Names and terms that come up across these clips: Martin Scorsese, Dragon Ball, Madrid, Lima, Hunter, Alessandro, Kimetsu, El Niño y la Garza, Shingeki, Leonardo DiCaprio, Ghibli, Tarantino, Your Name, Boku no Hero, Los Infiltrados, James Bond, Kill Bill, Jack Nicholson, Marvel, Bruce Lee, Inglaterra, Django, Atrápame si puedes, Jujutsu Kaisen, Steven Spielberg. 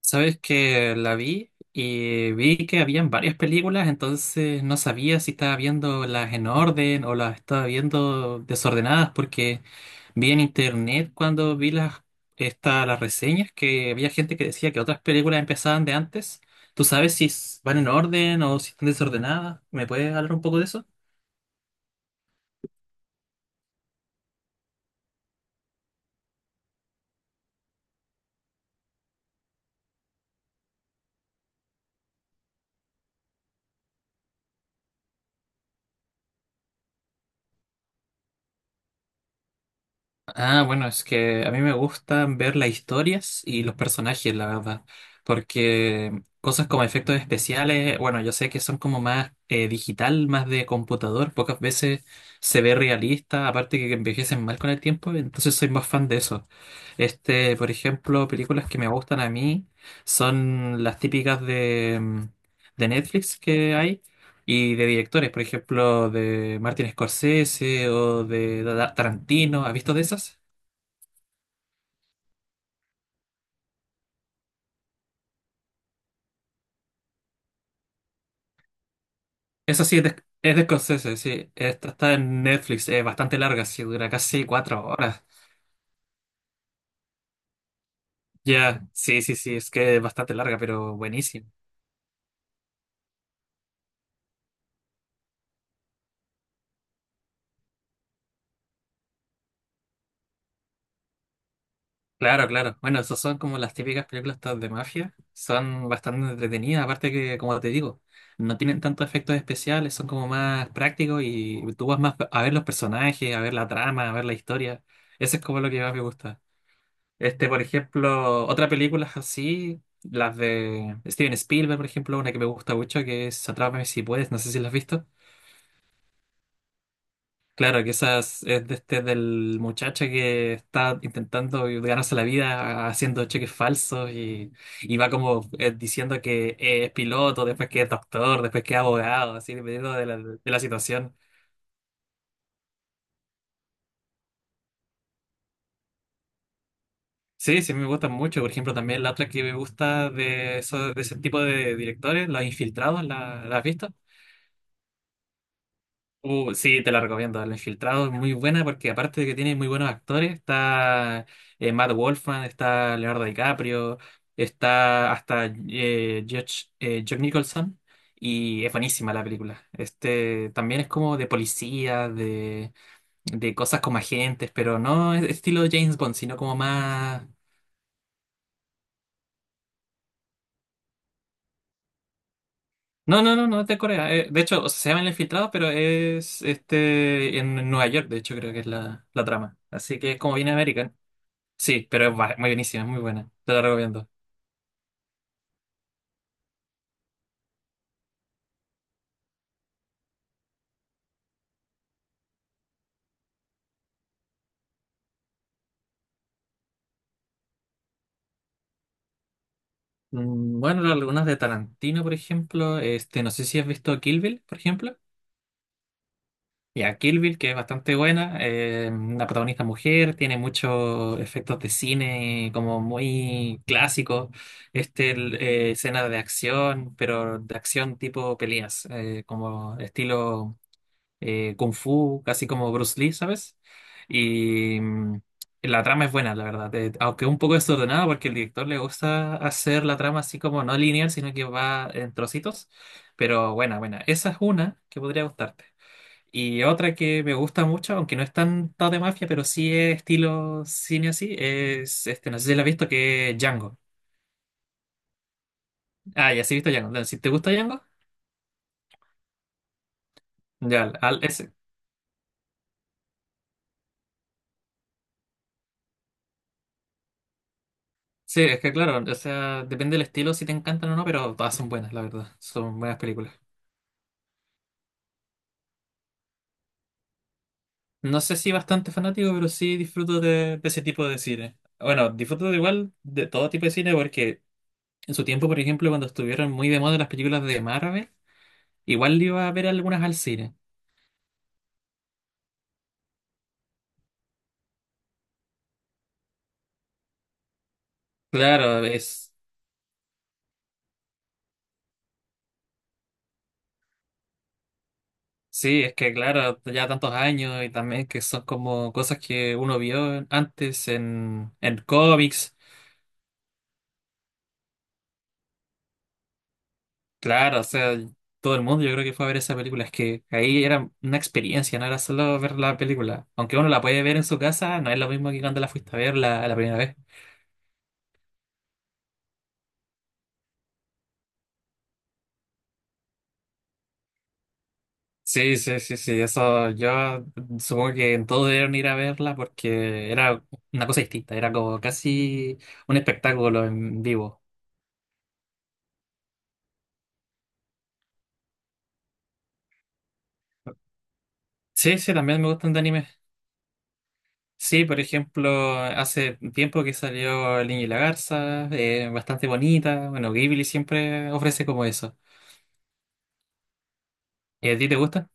Sabes que la vi y vi que habían varias películas, entonces no sabía si estaba viendo las en orden o las estaba viendo desordenadas porque vi en internet cuando vi las las reseñas que había gente que decía que otras películas empezaban de antes. ¿Tú sabes si van en orden o si están desordenadas? ¿Me puedes hablar un poco de eso? Ah, bueno, es que a mí me gustan ver las historias y los personajes, la verdad, porque cosas como efectos especiales, bueno, yo sé que son como más digital, más de computador, pocas veces se ve realista, aparte que envejecen mal con el tiempo, entonces soy más fan de eso. Este, por ejemplo, películas que me gustan a mí son las típicas de, de Netflix que hay. Y de directores, por ejemplo, de Martin Scorsese o de Tarantino, ¿has visto de esas? Eso sí, es de Scorsese, sí. Esta está en Netflix, es bastante larga, sí, dura casi cuatro horas. Ya, sí, sí, sí, es que es bastante larga, pero buenísimo. Claro, claro. Bueno, esas son como las típicas películas estas de mafia. Son bastante entretenidas, aparte que, como te digo, no tienen tantos efectos especiales, son como más prácticos y tú vas más a ver los personajes, a ver la trama, a ver la historia. Eso es como lo que más me gusta. Este, por ejemplo, otras películas así, las de Steven Spielberg, por ejemplo, una que me gusta mucho, que es Atrápame si puedes, no sé si la has visto. Claro, que esas es de este del muchacho que está intentando ganarse la vida haciendo cheques falsos y va como diciendo que es piloto, después que es doctor, después que es abogado, así dependiendo de la situación. Sí, sí, me gustan mucho. Por ejemplo, también la otra que me gusta de ese tipo de directores, Los Infiltrados, ¿la has visto? Sí, te la recomiendo. El Infiltrado es muy buena porque aparte de que tiene muy buenos actores, está Matt Wolfman, está Leonardo DiCaprio, está hasta Josh, Jack Nicholson y es buenísima la película. Este también es como de policía, de cosas como agentes, pero no es estilo James Bond, sino como más... No, no, no, no es de Corea. De hecho, o sea, se llama El Infiltrado, pero es este en Nueva York, de hecho creo que es la trama. Así que es como viene América. Sí, pero es muy buenísima, es muy buena. Te la recomiendo. Mm, bueno, algunas de Tarantino, por ejemplo. Este, no sé si has visto Kill Bill, por ejemplo. Ya, Kill Bill, que es bastante buena. Eh, una protagonista mujer, tiene muchos efectos de cine como muy clásicos. Escenas de acción, pero de acción tipo peleas, como estilo. Kung Fu, casi como Bruce Lee, ¿sabes? Y la trama es buena, la verdad, aunque un poco desordenada porque el director le gusta hacer la trama así como no lineal, sino que va en trocitos, pero buena, buena. Esa es una que podría gustarte. Y otra que me gusta mucho, aunque no es tanto de mafia, pero sí es estilo cine así, no sé si la has visto, que es Django. Ah, ya sí he visto Django. Entonces, si te gusta Django, ya, sí, es que claro, o sea, depende del estilo si te encantan o no, pero todas son buenas, la verdad. Son buenas películas. No sé si bastante fanático, pero sí disfruto de ese tipo de cine. Bueno, disfruto de igual de todo tipo de cine porque en su tiempo, por ejemplo, cuando estuvieron muy de moda las películas de Marvel, igual iba a ver algunas al cine. Claro, es... Sí, es que claro, ya tantos años y también que son como cosas que uno vio antes en cómics. Claro, o sea, todo el mundo yo creo que fue a ver esa película. Es que ahí era una experiencia, no era solo ver la película. Aunque uno la puede ver en su casa, no es lo mismo que cuando la fuiste a ver la primera vez. Sí, sí, sí, sí, eso yo supongo que todos debieron ir a verla porque era una cosa distinta, era como casi un espectáculo en vivo. Sí, sí, también me gustan de anime. Sí, por ejemplo, hace tiempo que salió El Niño y la Garza, bastante bonita. Bueno, Ghibli siempre ofrece como eso. ¿Y a ti te gusta?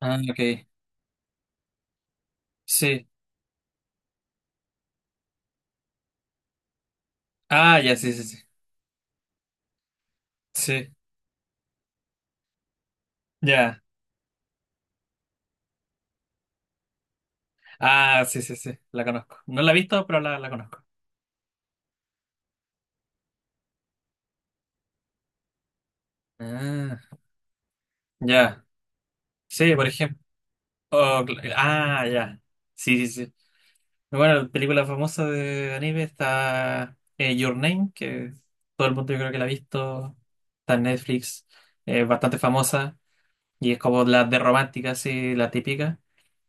Ah, ok. Sí. Ah, ya, sí, sí, sí. Sí, ya. Ah, sí, sí, sí. La conozco. No la he visto, pero la conozco. Ah, ya. Sí, por ejemplo. Ah, ya. Sí, sí, sí. Bueno, película famosa de anime está Your Name, que todo el mundo yo creo que la ha visto. Está en Netflix. Es bastante famosa. Y es como las de romántica, así, la típica.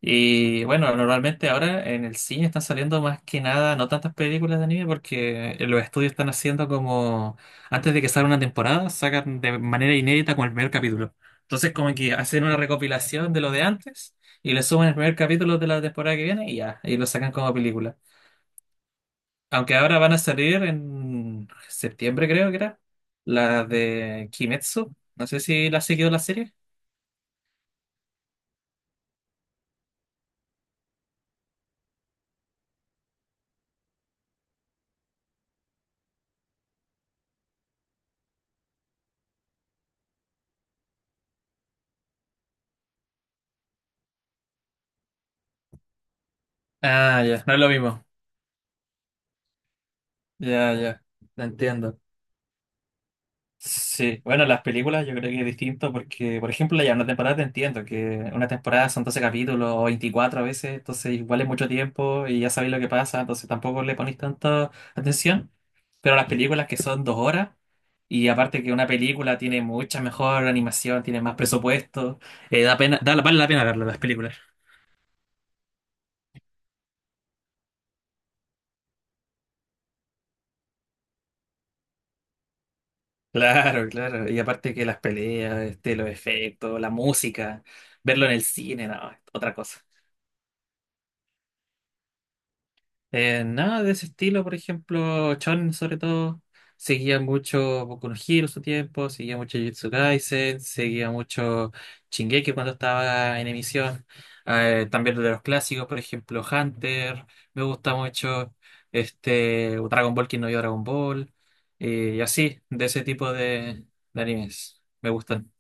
Y bueno, normalmente ahora en el cine están saliendo más que nada, no tantas películas de anime, porque los estudios están haciendo como, antes de que salga una temporada, sacan de manera inédita con el primer capítulo. Entonces como que hacen una recopilación de lo de antes y le suman el primer capítulo de la temporada que viene y ya, y lo sacan como película. Aunque ahora van a salir en septiembre, creo que era, la de Kimetsu. No sé si la has seguido la serie. Ah, ya, no es lo mismo. Ya, ya, te entiendo. Sí, bueno, las películas yo creo que es distinto porque, por ejemplo, ya una temporada te entiendo, que una temporada son 12 capítulos o 24 a veces, entonces igual es mucho tiempo y ya sabéis lo que pasa, entonces tampoco le ponéis tanta atención. Pero las películas que son 2 horas, y aparte que una película tiene mucha mejor animación, tiene más presupuesto, da, vale la pena verlas las películas. Claro, claro. Y aparte que las peleas, este, los efectos, la música, verlo en el cine, no, es otra cosa. Nada de ese estilo, por ejemplo, Chon sobre todo, seguía mucho Boku no Hero en su tiempo, seguía mucho Jujutsu Kaisen, seguía mucho Shingeki cuando estaba en emisión, también de los clásicos, por ejemplo, Hunter, me gusta mucho, Dragon Ball, quien no vio Dragon Ball, y así, de ese tipo de animes, me gustan.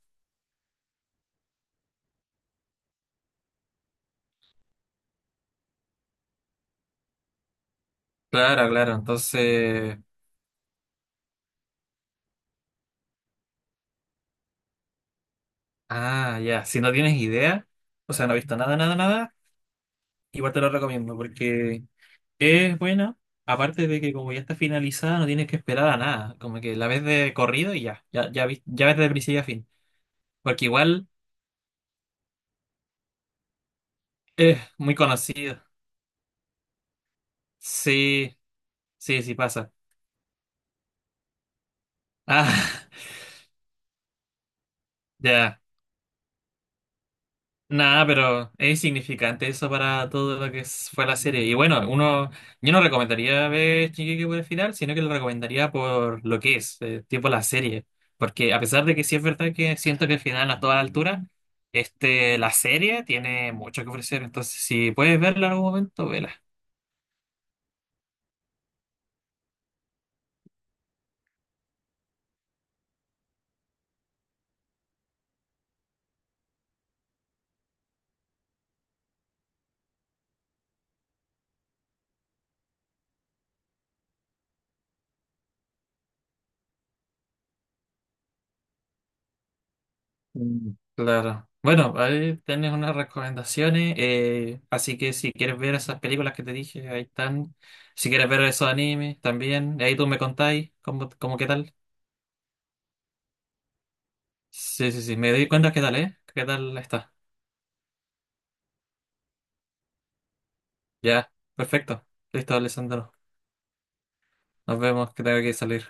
Claro, claro, entonces, ah, ya, si no tienes idea, o sea, no has visto nada, nada, nada. Igual te lo recomiendo porque es buena, aparte de que como ya está finalizada, no tienes que esperar a nada. Como que la ves de corrido y ya, ya, ya, ya ves de principio a fin. Porque igual es muy conocido. Sí, sí, sí pasa. Ah, ya. Nada, pero es significante eso para todo lo fue la serie. Y bueno, uno, yo no recomendaría ver Shingeki por el final, sino que lo recomendaría por lo que es, tipo la serie. Porque a pesar de que sí es verdad que siento que el final a toda altura, la serie tiene mucho que ofrecer. Entonces, si puedes verla en algún momento, vela. Mm, claro. Bueno, ahí tienes unas recomendaciones. Eh, así que si quieres ver esas películas que te dije, ahí están. Si quieres ver esos animes también, ahí tú me contáis cómo, cómo qué tal. Sí, sí, sí. Me doy cuenta qué tal, ¿eh? ¿Qué tal está? Ya, perfecto. Listo, Alessandro. Nos vemos, que tengo que salir.